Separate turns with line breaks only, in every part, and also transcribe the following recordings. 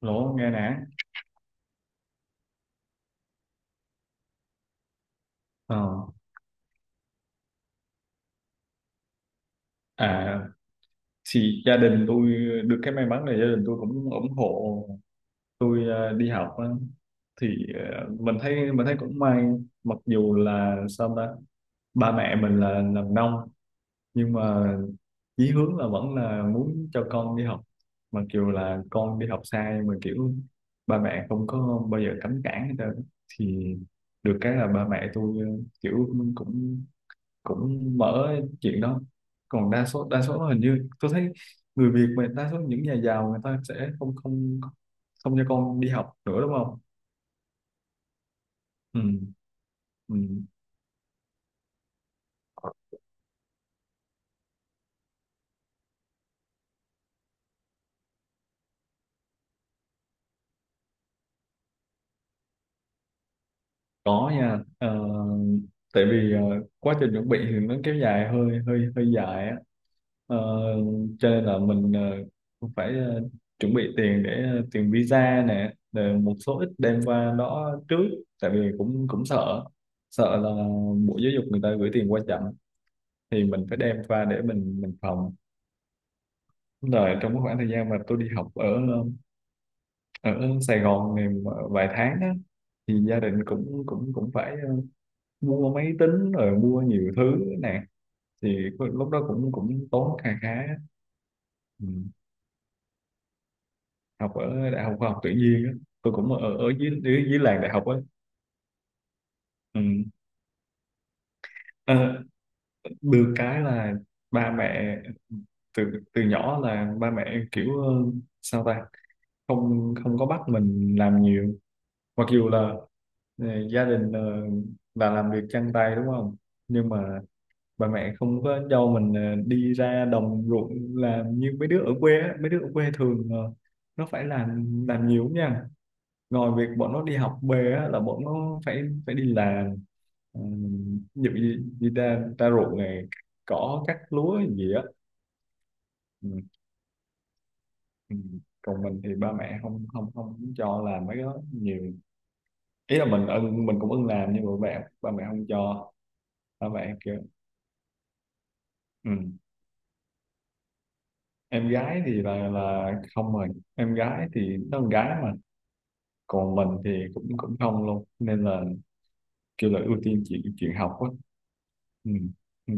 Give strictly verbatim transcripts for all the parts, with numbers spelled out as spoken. Lỗ Nga Nẵng ờ. à thì gia đình tôi được cái may mắn là gia đình tôi cũng ủng hộ tôi ờ, đi học á. Thì ờ, mình thấy mình thấy cũng may, mặc dù là sao ta, ba mẹ mình là làm nông, nhưng mà chí hướng là vẫn là muốn cho con đi học. Mặc dù là con đi học sai mà kiểu, ba mẹ không có bao giờ cấm cản hết trơn. Thì được cái là ba mẹ tôi ờ, kiểu cũng cũng mở chuyện đó. Còn đa số đa số hình như tôi thấy người Việt mà đa số những nhà giàu người ta sẽ không không không cho con đi học nữa, đúng không? Ừ, ừ. Có nha. Ờ, tại vì ờ, quá trình chuẩn bị thì nó kéo dài hơi hơi hơi dài á. Ờ, cho nên là mình ờ, phải ờ, chuẩn bị tiền để ờ, tiền visa nè, rồi một số ít đem qua đó trước. Tại vì cũng cũng sợ, sợ là Bộ Giáo dục người ta gửi tiền qua chậm, thì mình phải đem qua để mình mình phòng. Rồi trong cái khoảng thời gian mà tôi đi học ở ở Sài Gòn này vài tháng á, thì gia đình cũng cũng cũng phải ờ, mua máy tính rồi mua nhiều thứ nè. Thì có- lúc đó cũng cũng tốn kha khá á. Ừ. Học ở đại học khoa học tự nhiên á. Tôi cũng ở ở dưới dưới, dưới làng đại học á. Ừ. Ờ, được cái là ba mẹ từ từ nhỏ là ba mẹ kiểu ờ, sao ta, không không có bắt mình làm nhiều, mặc dù là, này, gia đình ờ, là làm việc chân tay, đúng không? Nhưng mà bà mẹ không có cho mình ờ, đi ra đồng ruộng làm như mấy đứa ở quê á. Mấy đứa ở quê thường ờ, nó phải làm làm nhiều nha. Ngoài việc bọn nó đi học về á, là bọn nó phải phải đi làm, uh, ví dụ như đi ra, ra ruộng này, cỏ cắt lúa gì á. Ừ, ừ. Còn mình thì ba mẹ không không không cho làm mấy cái đó nhiều. Ý là mình ưng- mình cũng ưng làm, nhưng mà ba mẹ ba mẹ không cho, ba mẹ kêu. Ừ. Em gái thì là là không rồi, em gái thì nó con gái mà. Còn mình thì cũng cũng không luôn, nên là kêu là ưu tiên chuyện chuyện học á. Ừ. Ừ.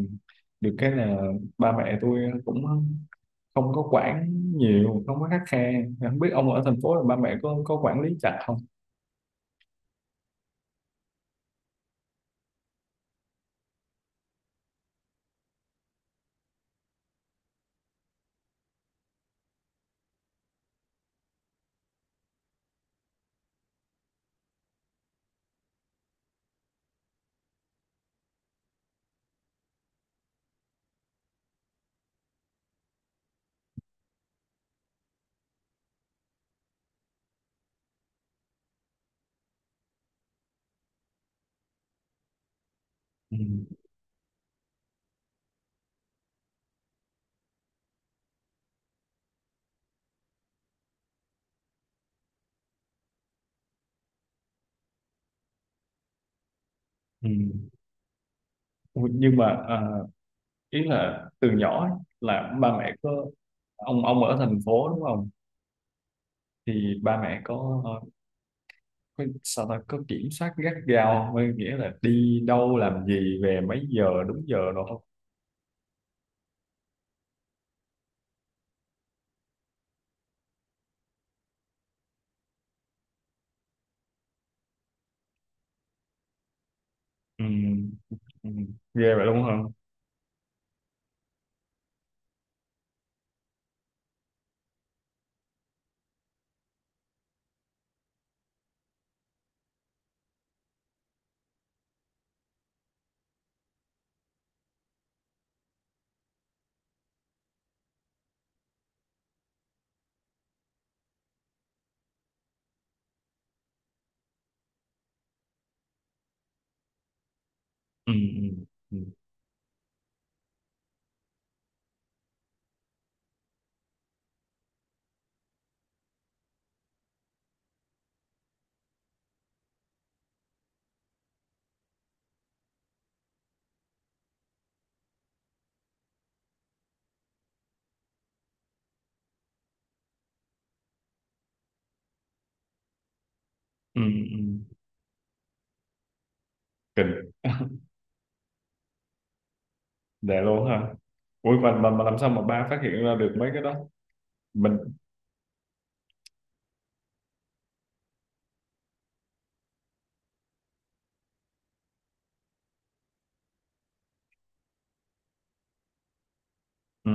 Được cái là ba mẹ tôi cũng không có quản nhiều, không có khắt khe. Không biết ông ở thành phố là ba mẹ có có quản lý chặt không? Ừ. Ừ. Ui, nhưng mà à, ý là từ nhỏ ấy, là ba mẹ có, ông ông ở thành phố đúng không? Thì ba mẹ có ờ, Có- sao ta có kiểm soát gắt gao, có nghĩa là đi đâu làm gì về mấy giờ đúng giờ đâu không? Ừ, ừ, ghê vậy luôn hả? Ừ, ừ, ừ, ừ, ừ. Kinh. Để luôn hả? Ui, mà, mà, mà làm sao mà ba phát hiện ra được mấy cái đó? Mình. Ừ,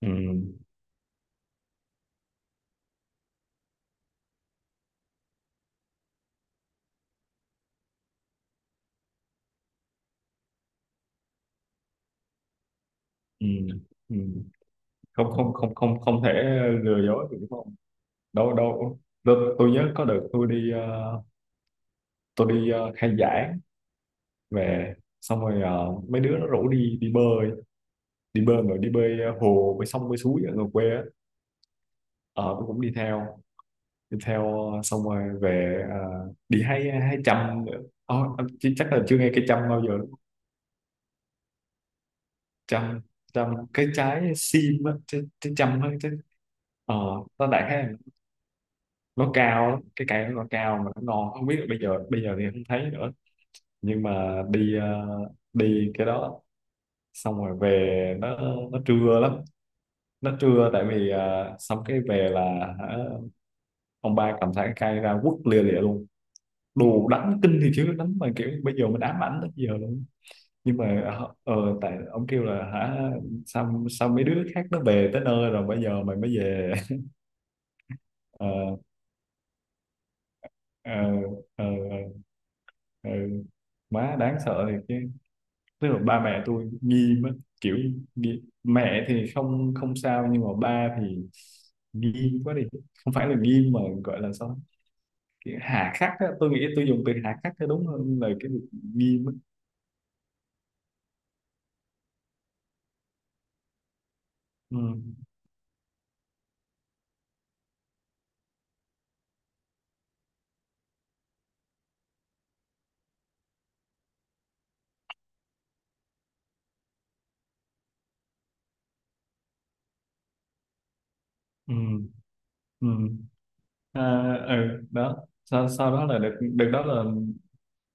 ừ, ừ, ừ. không không không không không thể lừa dối được đúng không? Đâu đâu. Tôi, tôi nhớ có đợt tôi đi ờ, tôi đi ờ, khai giảng về. Xong rồi ờ, mấy đứa nó rủ đi đi bơi. Đi bơi mà đi bơi ờ, hồ bơi sông bơi suối ở ngoài quê á. Ờ, tôi cũng đi theo, đi theo ờ, xong rồi về. À, đi hay hay chăm nữa. ờ, ờ, chứ chắc là chưa nghe cây chăm bao giờ đúng không? Chăm, chăm cái trái sim á, trái, trái chăm á chứ. Ờ, nó đại khái là nó cao lắm, cái cây nó cao mà nó ngon, không biết là bây giờ bây giờ thì không thấy nữa. Nhưng mà đi ờ, đi cái đó xong rồi về, nó nó trưa lắm. Nó trưa, tại vì à, xong cái về là, hả, ông ba cầm thẳng khai ra quất lia lịa luôn. Đồ đánh kinh thì chứ, đánh mà kiểu bây giờ mình ám ảnh tới giờ luôn. Nhưng mà ờ, ờ, tại ông kêu là, hả, sao sao mấy đứa khác nó về tới nơi rồi bây giờ mày mới về? ờ ờ ờ ờ Má đáng sợ thiệt chứ. Tức là ba mẹ tôi nghi mất, kiểu, nghi. Mẹ thì không không sao, nhưng mà ba thì nghiêm quá đi. Không phải là nghiêm mà gọi là sao? Kiểu hà khắc á, tôi nghĩ tôi dùng từ hà khắc cho đúng hơn là cái việc nghiêm á. Ừ, ừ, ừ. À, ừ đó. Sau, sau đó là được được đó là,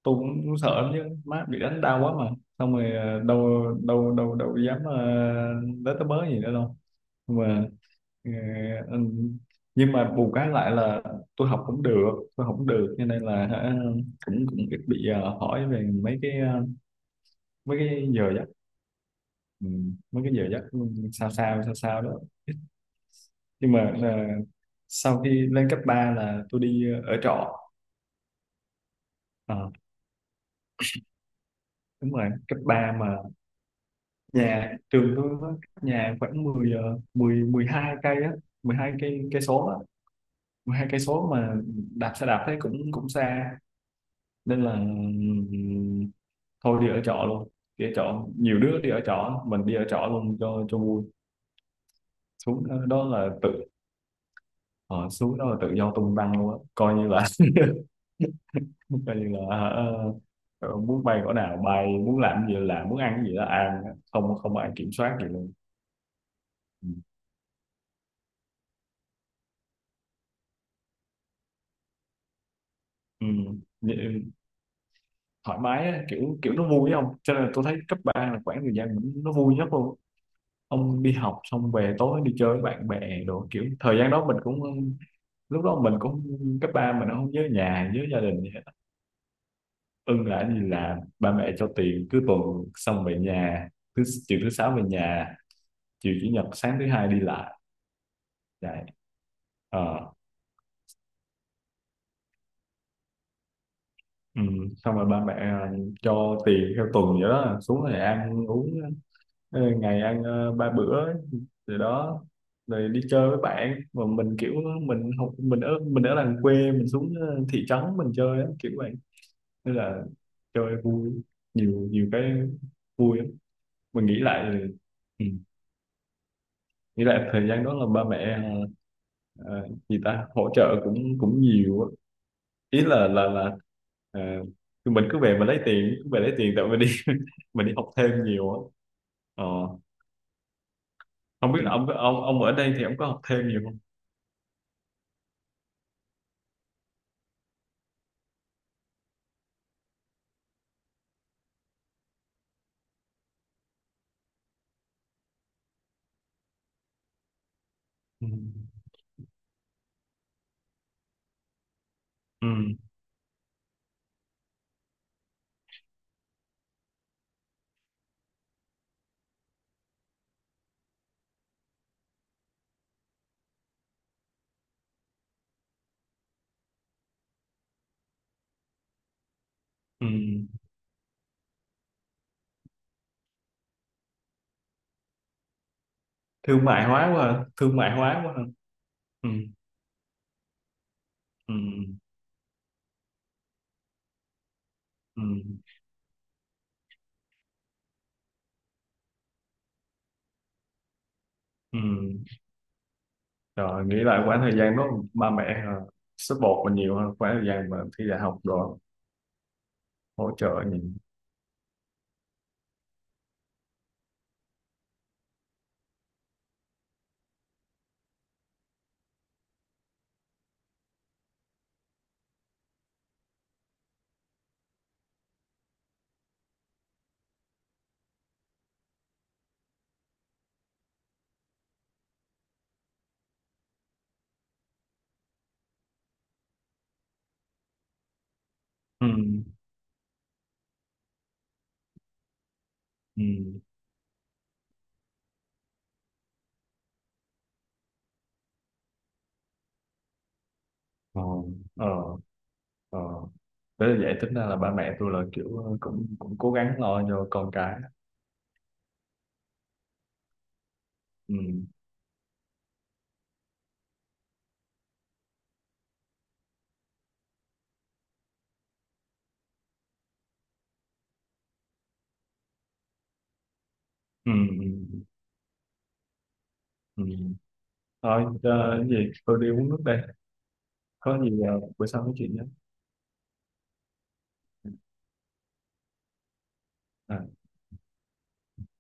tôi cũng, cũng sợ lắm chứ má, bị đánh đau quá mà, xong rồi à, đâu đâu đâu đâu dám, uh, tới tới bớ gì nữa đâu. Nhưng mà ờ, ừ, nhưng mà bù cái lại là, tôi học cũng được tôi học cũng được cho nên là, hả, cũng cũng ít bị ờ, hỏi về mấy cái ờ, mấy cái giờ, ừ, mấy cái giờ giấc, sao sao sao sao đó. Nhưng mà là sau khi lên cấp ba là tôi đi ờ, ở trọ. Ờ, đúng rồi cấp ba mà, nhà trường tôi nó cách nhà khoảng mười, ờ, mười mười hai cây á, mười hai cây cây số á. Mười hai cây số mà đạp xe đạp thấy cũng cũng xa, nên là ừm, thôi đi ở trọ luôn. Đi ở trọ, nhiều đứa đi ở trọ, mình đi ở trọ luôn cho cho vui. Xuống ờ, đó là tự ờ, xuống đó là tự do tung tăng luôn á, coi như là. Coi như là ờ, ờ, muốn bay cỡ nào bay, muốn làm gì là làm, muốn ăn gì là ăn, không không ai kiểm soát gì luôn. Ừ. Ừ. Vậy, thoải mái á, kiểu kiểu nó vui không, cho nên là tôi thấy cấp ba là khoảng thời gian mình- nó vui nhất luôn. Ông đi học xong về tối đi chơi với bạn bè đồ, kiểu thời gian đó mình cũng, lúc đó mình cũng, cấp ba mình không nhớ nhà nhớ gia đình. Ưng là đi là ba mẹ cho tiền cứ tuần, xong về nhà thứ, chiều thứ sáu về nhà, chiều chủ nhật sáng thứ hai đi lại vậy. ờ ừ. Xong rồi ba mẹ ờ, cho tiền theo tuần vậy đó, xuống rồi ăn uống, ờ, ngày ăn ờ, ba bữa. Rồi đó, rồi đi chơi với bạn mà mình kiểu, mình học, mình ở mình ở làng quê, mình xuống ờ, thị trấn mình chơi á, kiểu vậy. Nên là chơi vui, nhiều nhiều cái vui lắm. Mình nghĩ lại thì- ừ. Nghĩ lại thời gian đó là ba mẹ ờ, gì ta hỗ trợ cũng cũng nhiều á. Ý là là là ờ, tụi mình cứ về mà lấy tiền, cứ về lấy tiền tại mình đi mình đi học thêm nhiều á. ờ, Không biết là ông ông ông ở đây thì ông có học thêm nhiều không? Ừ. Ừ. Ừ. Thương mại hóa quá ha. Thương mại hóa quá ha. Ừ. Ừ. Ừ. Ừ. Rồi nghĩ lại khoảng thời gian đó, ba mẹ ờ, support mình nhiều hơn khoảng thời gian mà thi đại học rồi, hỗ trợ nhiều. Ừ. Ừ. ờ ờ ờ thế là vậy, tính ra là ba mẹ tôi là kiểu ờ, cũng cũng cố gắng lo cho con cái. Ừ, ừ, ừ, ừ. Thôi ờ, cái gì tôi đi uống nước đây. Có gì ờ, bữa sau nói chuyện nhé. À.